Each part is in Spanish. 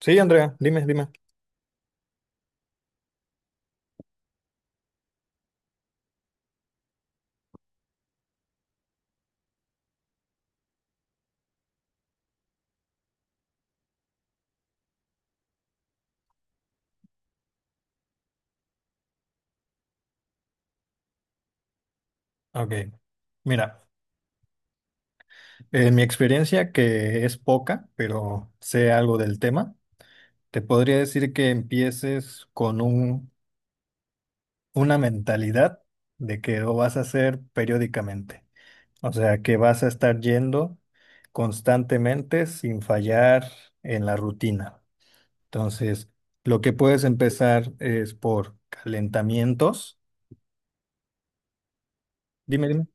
Sí, Andrea, dime, dime. Ok. Mira, en mi experiencia, que es poca, pero sé algo del tema, te podría decir que empieces con una mentalidad de que lo vas a hacer periódicamente. O sea, que vas a estar yendo constantemente sin fallar en la rutina. Entonces, lo que puedes empezar es por calentamientos. Dime, dime.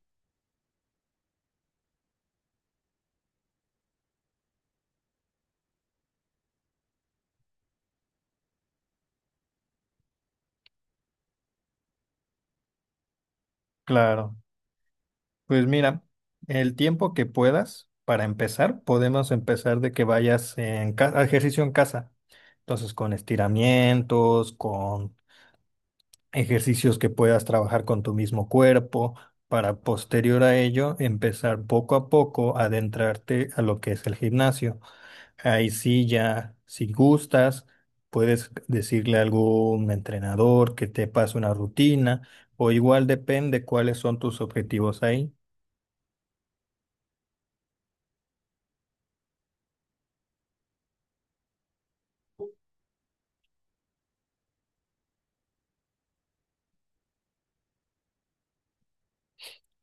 Claro. Pues mira, el tiempo que puedas para empezar, podemos empezar de que vayas a ejercicio en casa. Entonces, con estiramientos, con ejercicios que puedas trabajar con tu mismo cuerpo, para posterior a ello empezar poco a poco a adentrarte a lo que es el gimnasio. Ahí sí, ya, si gustas, puedes decirle a algún entrenador que te pase una rutina o igual depende cuáles son tus objetivos ahí.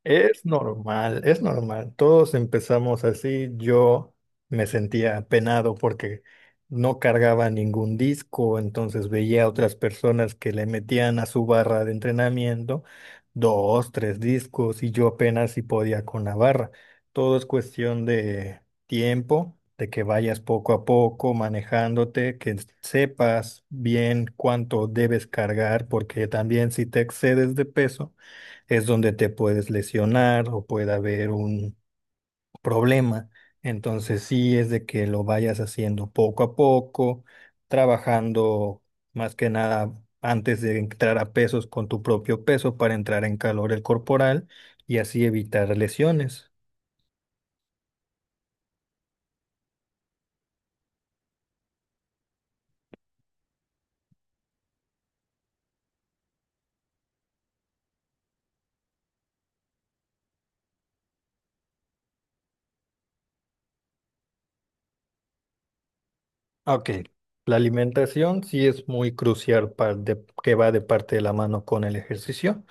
Es normal, es normal. Todos empezamos así. Yo me sentía apenado porque no cargaba ningún disco, entonces veía a otras personas que le metían a su barra de entrenamiento dos, tres discos y yo apenas si podía con la barra. Todo es cuestión de tiempo, de que vayas poco a poco manejándote, que sepas bien cuánto debes cargar, porque también si te excedes de peso es donde te puedes lesionar o puede haber un problema. Entonces sí es de que lo vayas haciendo poco a poco, trabajando más que nada antes de entrar a pesos con tu propio peso para entrar en calor el corporal y así evitar lesiones. Ok, la alimentación sí es muy crucial que va de parte de la mano con el ejercicio.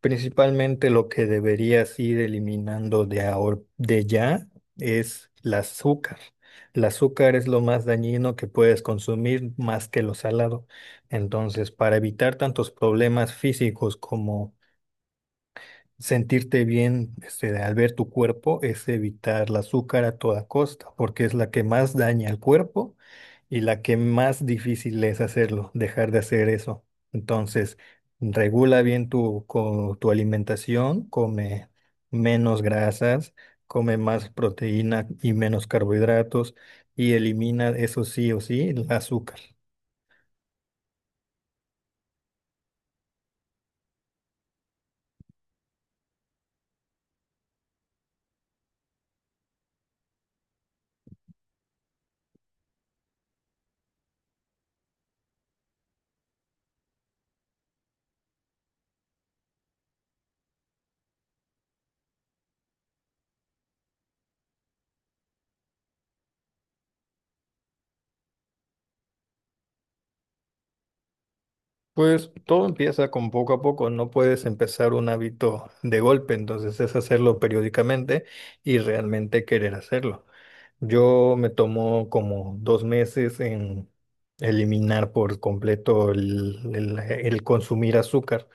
Principalmente lo que deberías ir eliminando de ya es el azúcar. El azúcar es lo más dañino que puedes consumir más que lo salado. Entonces, para evitar tantos problemas físicos como sentirte bien este, al ver tu cuerpo es evitar el azúcar a toda costa, porque es la que más daña al cuerpo y la que más difícil es hacerlo, dejar de hacer eso. Entonces, regula bien tu, tu alimentación, come menos grasas, come más proteína y menos carbohidratos y elimina eso sí o sí el azúcar. Pues todo empieza con poco a poco, no puedes empezar un hábito de golpe, entonces es hacerlo periódicamente y realmente querer hacerlo. Yo me tomo como 2 meses en eliminar por completo el consumir azúcar,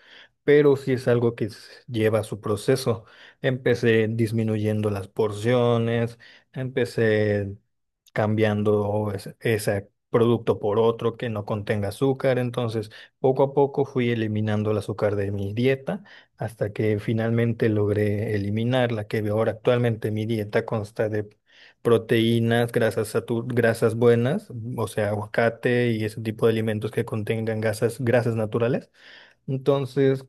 pero sí es algo que lleva su proceso. Empecé disminuyendo las porciones, empecé cambiando ese producto por otro que no contenga azúcar, entonces... Poco a poco fui eliminando el azúcar de mi dieta hasta que finalmente logré eliminarla, que ahora actualmente mi dieta consta de proteínas, grasas buenas, o sea, aguacate y ese tipo de alimentos que contengan grasas, grasas naturales. Entonces,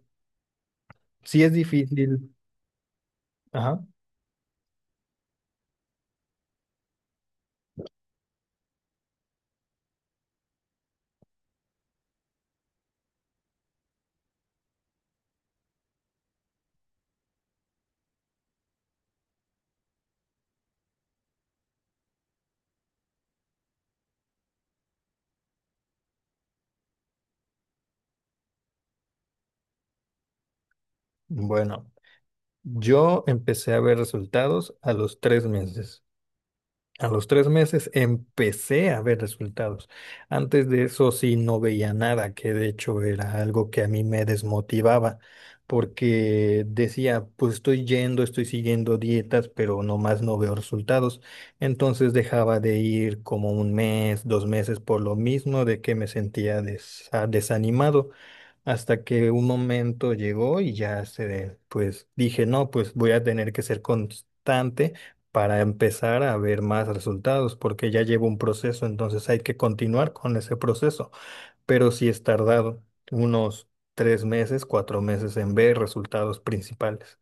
sí es difícil. Ajá. Bueno, yo empecé a ver resultados a los 3 meses. A los tres meses empecé a ver resultados. Antes de eso sí no veía nada, que de hecho era algo que a mí me desmotivaba, porque decía, pues estoy yendo, estoy siguiendo dietas, pero nomás no veo resultados. Entonces dejaba de ir como un mes, 2 meses por lo mismo de que me sentía desanimado. Hasta que un momento llegó y ya se, pues dije, no, pues voy a tener que ser constante para empezar a ver más resultados, porque ya llevo un proceso, entonces hay que continuar con ese proceso. Pero sí es tardado unos 3 meses, 4 meses en ver resultados principales.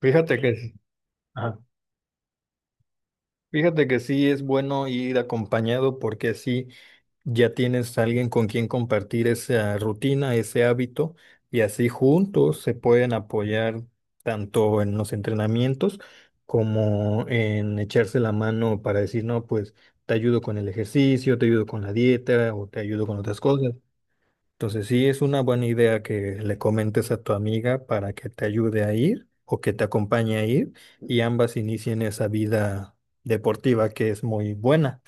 Fíjate que, sí. Ajá. Fíjate que sí es bueno ir acompañado porque sí, ya tienes alguien con quien compartir esa rutina, ese hábito, y así juntos se pueden apoyar tanto en los entrenamientos como en echarse la mano para decir, no, pues te ayudo con el ejercicio, te ayudo con la dieta o te ayudo con otras cosas. Entonces sí es una buena idea que le comentes a tu amiga para que te ayude a ir o que te acompañe a ir y ambas inicien esa vida deportiva que es muy buena.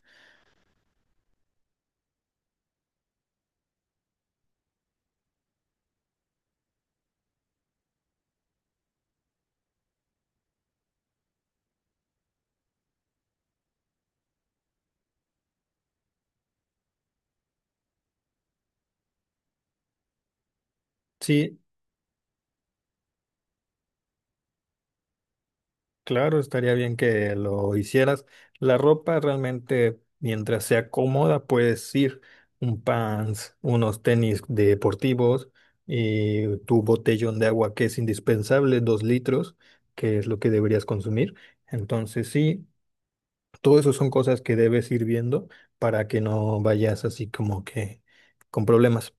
Sí. Claro, estaría bien que lo hicieras. La ropa realmente, mientras sea cómoda, puedes ir un pants, unos tenis deportivos y tu botellón de agua que es indispensable, 2 litros, que es lo que deberías consumir. Entonces, sí, todo eso son cosas que debes ir viendo para que no vayas así como que con problemas.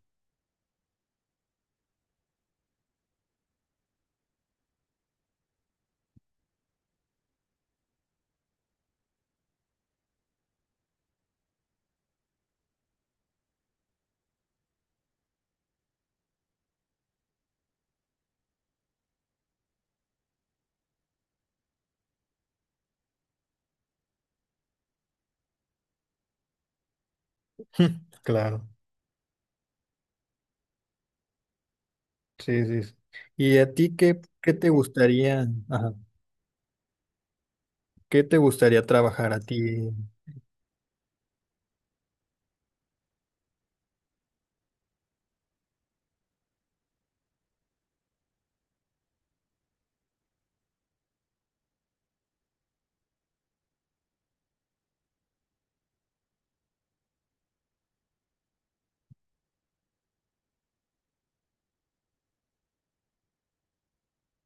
Claro, sí, sí, sí. ¿Y a ti qué, qué te gustaría, ajá, qué te gustaría trabajar a ti?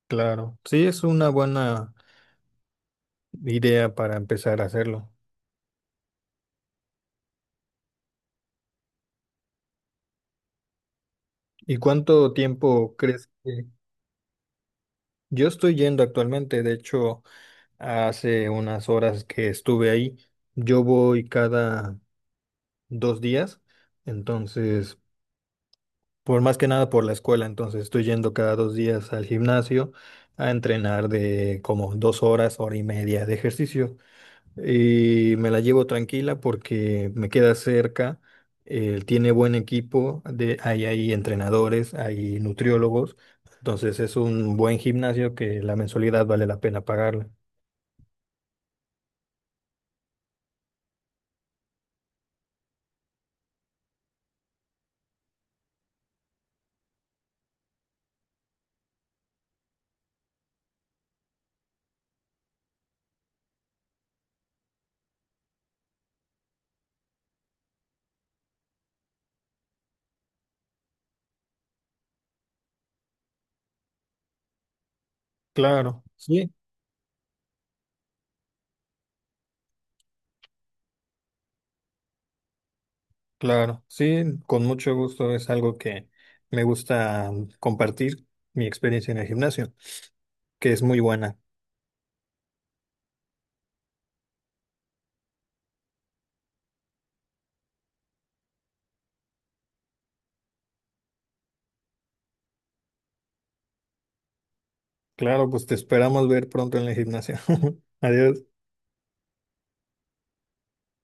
Claro, sí, es una buena idea para empezar a hacerlo. ¿Y cuánto tiempo crees que yo estoy yendo actualmente? De hecho, hace unas horas que estuve ahí, yo voy cada 2 días, entonces, por más que nada por la escuela, entonces estoy yendo cada 2 días al gimnasio a entrenar de como 2 horas, hora y media de ejercicio, y me la llevo tranquila porque me queda cerca, tiene buen equipo, de, hay entrenadores, hay nutriólogos, entonces es un buen gimnasio que la mensualidad vale la pena pagarla. Claro, sí, claro, sí, con mucho gusto es algo que me gusta compartir mi experiencia en el gimnasio, que es muy buena. Claro, pues te esperamos ver pronto en el gimnasio. Adiós.